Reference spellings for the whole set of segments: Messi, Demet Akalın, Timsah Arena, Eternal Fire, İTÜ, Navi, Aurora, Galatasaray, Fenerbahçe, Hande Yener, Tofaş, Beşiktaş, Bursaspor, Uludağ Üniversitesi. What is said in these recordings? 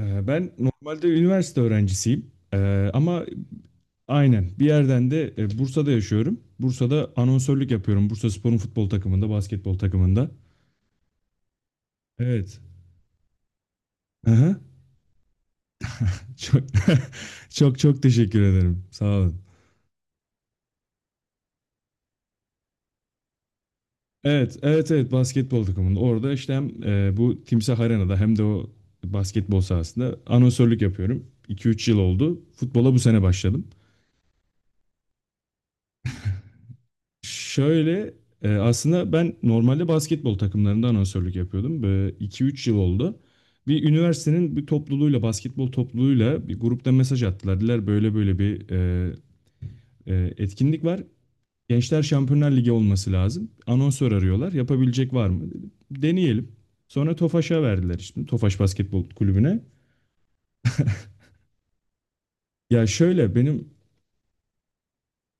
Ben normalde üniversite öğrencisiyim. Ama aynen bir yerden de Bursa'da yaşıyorum. Bursa'da anonsörlük yapıyorum. Bursaspor'un futbol takımında, basketbol takımında. Evet. Aha. Çok çok çok teşekkür ederim. Sağ olun. Evet, evet, evet, basketbol takımında. Orada işte hem bu Timsah Arena'da hem de o basketbol sahasında anonsörlük yapıyorum. 2 üç yıl oldu. Futbola bu sene başladım. Şöyle aslında ben normalde basketbol takımlarında anonsörlük yapıyordum. Böyle 2-3 yıl oldu. Bir üniversitenin bir topluluğuyla, basketbol topluluğuyla bir grupta mesaj attılar. Dediler böyle böyle bir etkinlik var. Gençler Şampiyonlar Ligi olması lazım. Anonsör arıyorlar. Yapabilecek var mı? Dedim, deneyelim. Sonra Tofaş'a verdiler işte. Tofaş Basketbol Kulübü'ne. Ya şöyle benim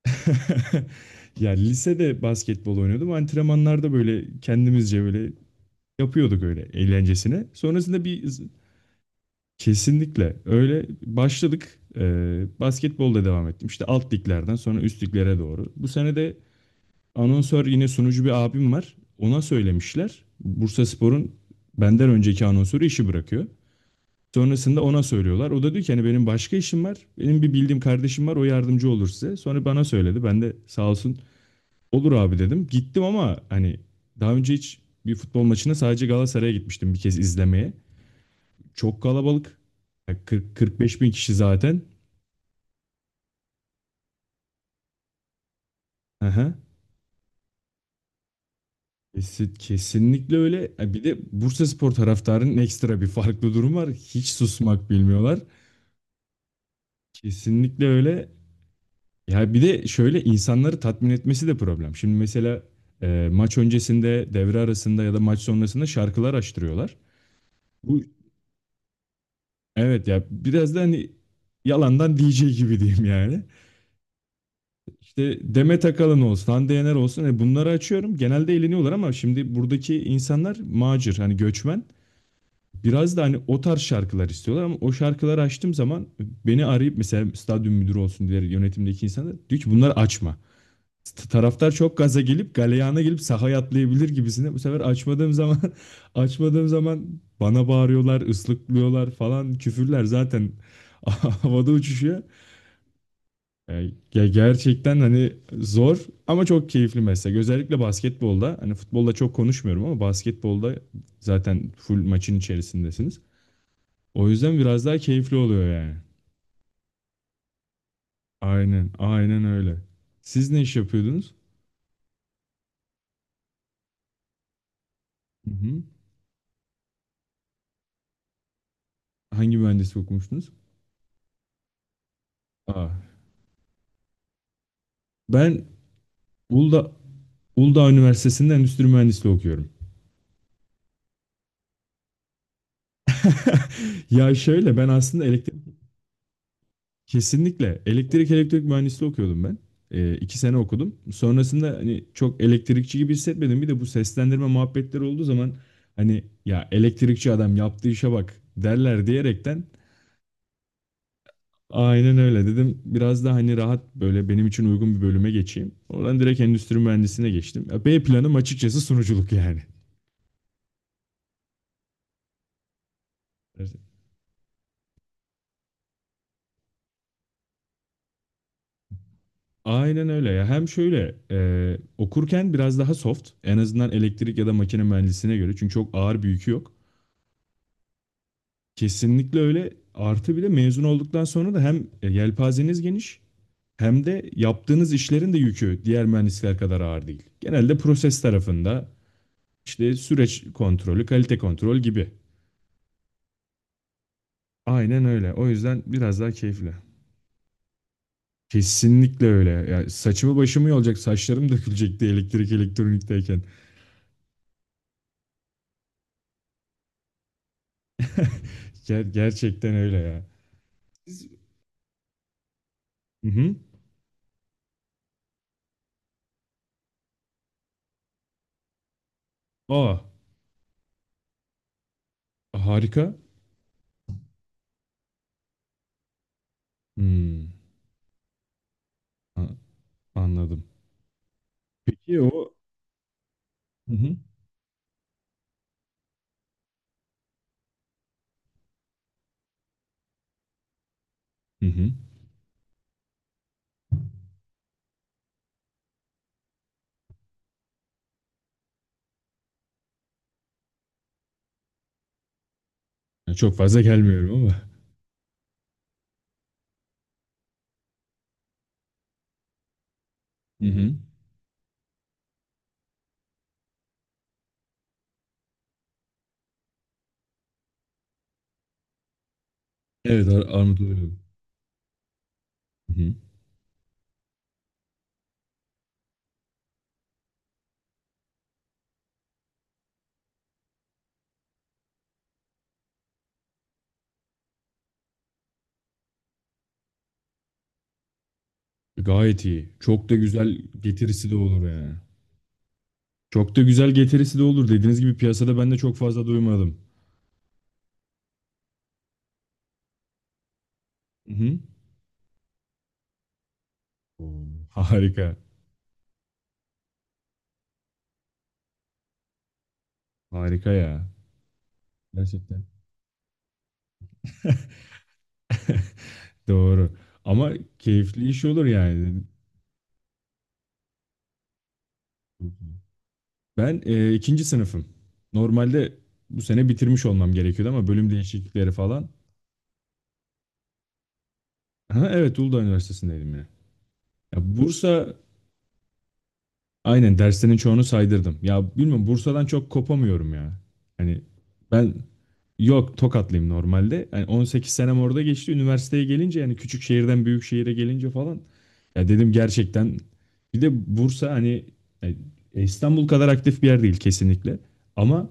ya lisede basketbol oynuyordum. Antrenmanlarda böyle kendimizce böyle yapıyorduk öyle eğlencesine. Sonrasında bir kesinlikle öyle başladık. Basketbolda devam ettim. İşte alt liglerden sonra üst liglere doğru. Bu sene de anonsör yine sunucu bir abim var. Ona söylemişler. Bursaspor'un benden önceki anonsörü işi bırakıyor. Sonrasında ona söylüyorlar. O da diyor ki hani benim başka işim var. Benim bir bildiğim kardeşim var. O yardımcı olur size. Sonra bana söyledi. Ben de sağ olsun olur abi dedim. Gittim ama hani daha önce hiç bir futbol maçına sadece Galatasaray'a gitmiştim bir kez izlemeye. Çok kalabalık. Ya 40-45 bin kişi zaten. Aha. Kesinlikle öyle. Ya bir de Bursaspor taraftarının ekstra bir farklı durum var. Hiç susmak bilmiyorlar. Kesinlikle öyle. Ya bir de şöyle insanları tatmin etmesi de problem. Şimdi mesela maç öncesinde, devre arasında ya da maç sonrasında şarkılar açtırıyorlar. Bu evet, ya biraz da hani yalandan DJ gibi diyeyim yani. İşte Demet Akalın olsun, Hande Yener olsun. Bunları açıyorum. Genelde eğleniyorlar ama şimdi buradaki insanlar macir, hani göçmen. Biraz da hani o tarz şarkılar istiyorlar ama o şarkıları açtım zaman beni arayıp mesela stadyum müdürü olsun diğer yönetimdeki insanlar diyor ki bunları açma. Taraftar çok gaza gelip galeyana gelip sahaya atlayabilir gibisine. Bu sefer açmadığım zaman açmadığım zaman bana bağırıyorlar, ıslıklıyorlar falan, küfürler zaten havada uçuşuyor. Gerçekten hani zor ama çok keyifli meslek. Özellikle basketbolda hani futbolda çok konuşmuyorum ama basketbolda zaten full maçın içerisindesiniz. O yüzden biraz daha keyifli oluyor yani. Aynen, aynen öyle. Siz ne iş yapıyordunuz? Hı hı. Hangi mühendislik okumuştunuz? Aa, ben Uludağ, Uludağ Üniversitesi'nde endüstri mühendisliği okuyorum. Ya şöyle ben aslında elektrik. Kesinlikle. Elektrik mühendisliği okuyordum ben. 2 sene okudum. Sonrasında hani çok elektrikçi gibi hissetmedim. Bir de bu seslendirme muhabbetleri olduğu zaman hani ya elektrikçi adam yaptığı işe bak derler diyerekten aynen öyle dedim. Biraz da hani rahat böyle benim için uygun bir bölüme geçeyim. Oradan direkt endüstri mühendisliğine geçtim. Ya B planım açıkçası sunuculuk yani. Aynen öyle ya. Hem şöyle okurken biraz daha soft. En azından elektrik ya da makine mühendisliğine göre. Çünkü çok ağır bir yükü yok. Kesinlikle öyle. Artı bir de mezun olduktan sonra da hem yelpazeniz geniş hem de yaptığınız işlerin de yükü diğer mühendisler kadar ağır değil. Genelde proses tarafında işte süreç kontrolü, kalite kontrol gibi. Aynen öyle. O yüzden biraz daha keyifli. Kesinlikle öyle. Ya saçımı başımı yolacak, saçlarım dökülecekti elektrik elektronikteyken. Gerçekten öyle ya. Siz... Hı hı. Aa, harika. Hmm, a- anladım. Peki o... Hı hı. Hı hı. Yani çok fazla gelmiyorum ama. Hı hı. Evet, armut oluyor. Hı hı. Gayet iyi. Çok da güzel getirisi de olur yani. Çok da güzel getirisi de olur. Dediğiniz gibi piyasada ben de çok fazla duymadım. Hı hı. Oo. Harika. Harika ya. Gerçekten. Doğru. Ama keyifli iş olur yani. Ben ikinci sınıfım. Normalde bu sene bitirmiş olmam gerekiyordu ama bölüm değişiklikleri falan. Ha, evet Uludağ Üniversitesi'ndeydim ya. Ya Bursa Aynen derslerin çoğunu saydırdım. Ya bilmiyorum, Bursa'dan çok kopamıyorum ya. Hani ben yok, Tokatlıyım normalde. Yani 18 senem orada geçti. Üniversiteye gelince yani küçük şehirden büyük şehire gelince falan ya dedim gerçekten bir de Bursa hani e, İstanbul kadar aktif bir yer değil kesinlikle. Ama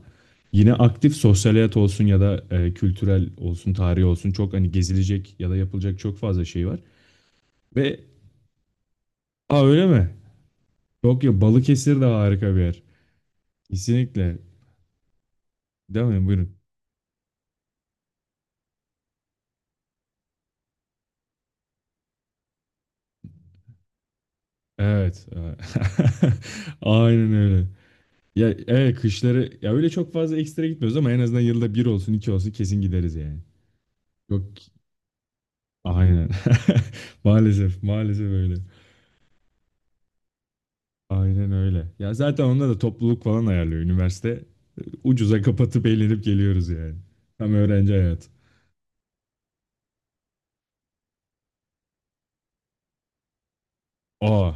yine aktif sosyal hayat olsun ya da kültürel olsun, tarihi olsun çok hani gezilecek ya da yapılacak çok fazla şey var. Ve aa, öyle mi? Yok ya, Balıkesir de harika bir yer. Kesinlikle. Değil mi? Buyurun. Evet, evet. Aynen öyle. Ya evet, kışları ya öyle çok fazla ekstra gitmiyoruz ama en azından yılda bir olsun iki olsun kesin gideriz yani. Yok aynen. Maalesef maalesef öyle. Aynen öyle. Ya zaten onda da topluluk falan ayarlıyor üniversite. Ucuza kapatıp eğlenip geliyoruz yani. Tam öğrenci hayatı. Aa,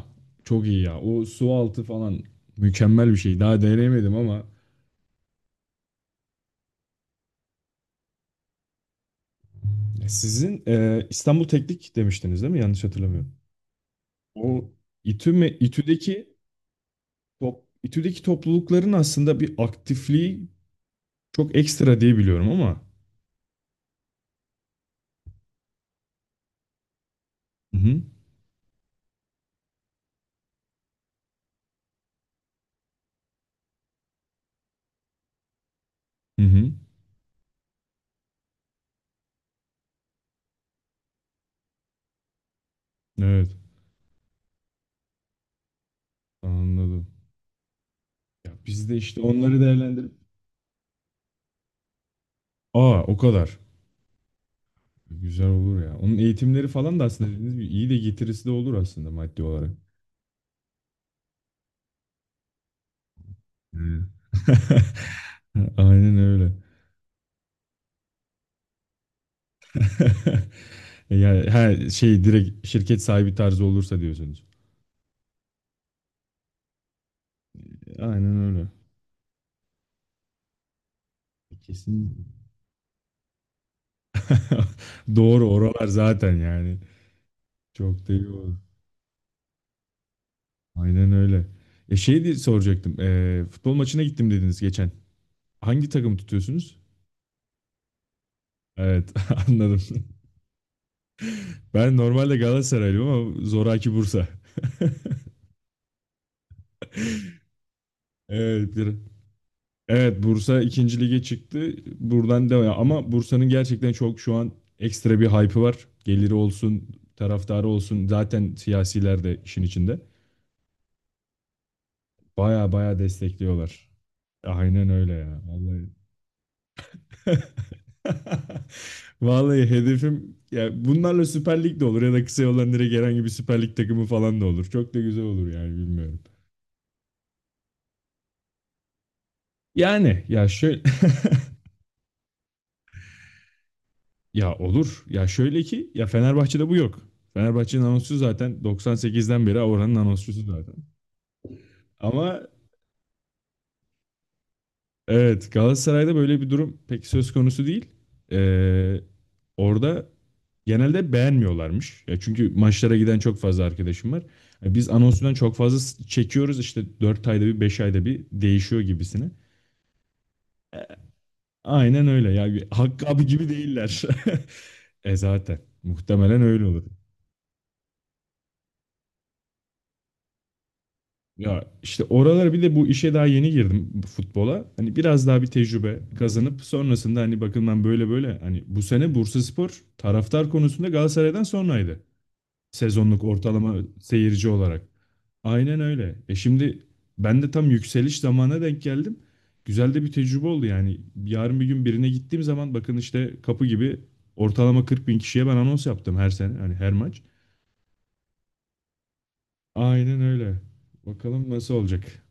çok iyi ya. O su altı falan mükemmel bir şey. Daha deneyemedim ama. Sizin İstanbul Teknik demiştiniz değil mi? Yanlış hatırlamıyorum. O İTÜ me İTÜ'deki top, İTÜ'deki toplulukların aslında bir aktifliği çok ekstra diye biliyorum ama. Hı hı. Hı hı. Evet, anladım. Ya biz de işte onları değerlendirip, aa, o kadar. Güzel olur ya. Onun eğitimleri falan da aslında dediğiniz gibi iyi de getirisi de olur aslında maddi olarak. Hı. Aynen öyle. Yani her şey direkt şirket sahibi tarzı olursa diyorsunuz. Aynen öyle. Kesin. Doğru oralar zaten yani. Çok da iyi oldu. Aynen öyle. Şey diye soracaktım. Futbol maçına gittim dediniz geçen. Hangi takımı tutuyorsunuz? Evet anladım. Ben normalde Galatasaraylıyım ama zoraki Bursa. Evet, bir- evet, Bursa ikinci lige çıktı. Buradan devam. Ama Bursa'nın gerçekten çok şu an ekstra bir hype'ı var. Geliri olsun, taraftarı olsun. Zaten siyasiler de işin içinde. Baya baya destekliyorlar. Aynen öyle ya. Vallahi. Vallahi hedefim ya bunlarla Süper Lig de olur ya da kısa yoldan direkt herhangi bir Süper Lig takımı falan da olur. Çok da güzel olur yani bilmiyorum. Yani ya şöyle ya olur. Ya şöyle ki ya Fenerbahçe'de bu yok. Fenerbahçe'nin anonsçusu zaten 98'den beri oranın anonsçusu zaten. Ama evet, Galatasaray'da böyle bir durum pek söz konusu değil. Ee, orada genelde beğenmiyorlarmış. Ya çünkü maçlara giden çok fazla arkadaşım var. Ya biz anonsundan çok fazla çekiyoruz işte 4 ayda bir, 5 ayda bir değişiyor gibisine. E, Aynen öyle ya. Bir Hakkı abi gibi değiller. Zaten muhtemelen öyle olur. Ya işte oralara bir de bu işe daha yeni girdim bu futbola. Hani biraz daha bir tecrübe kazanıp sonrasında hani bakın ben böyle böyle hani bu sene Bursaspor taraftar konusunda Galatasaray'dan sonraydı. Sezonluk ortalama seyirci olarak. Aynen öyle. Şimdi ben de tam yükseliş zamana denk geldim. Güzel de bir tecrübe oldu yani. Yarın bir gün birine gittiğim zaman bakın işte kapı gibi ortalama 40 bin kişiye ben anons yaptım her sene. Hani her maç. Aynen öyle. Bakalım nasıl olacak.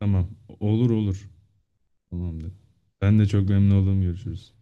Tamam. Olur, olur. Tamamdır. Ben de çok memnun oldum. Görüşürüz.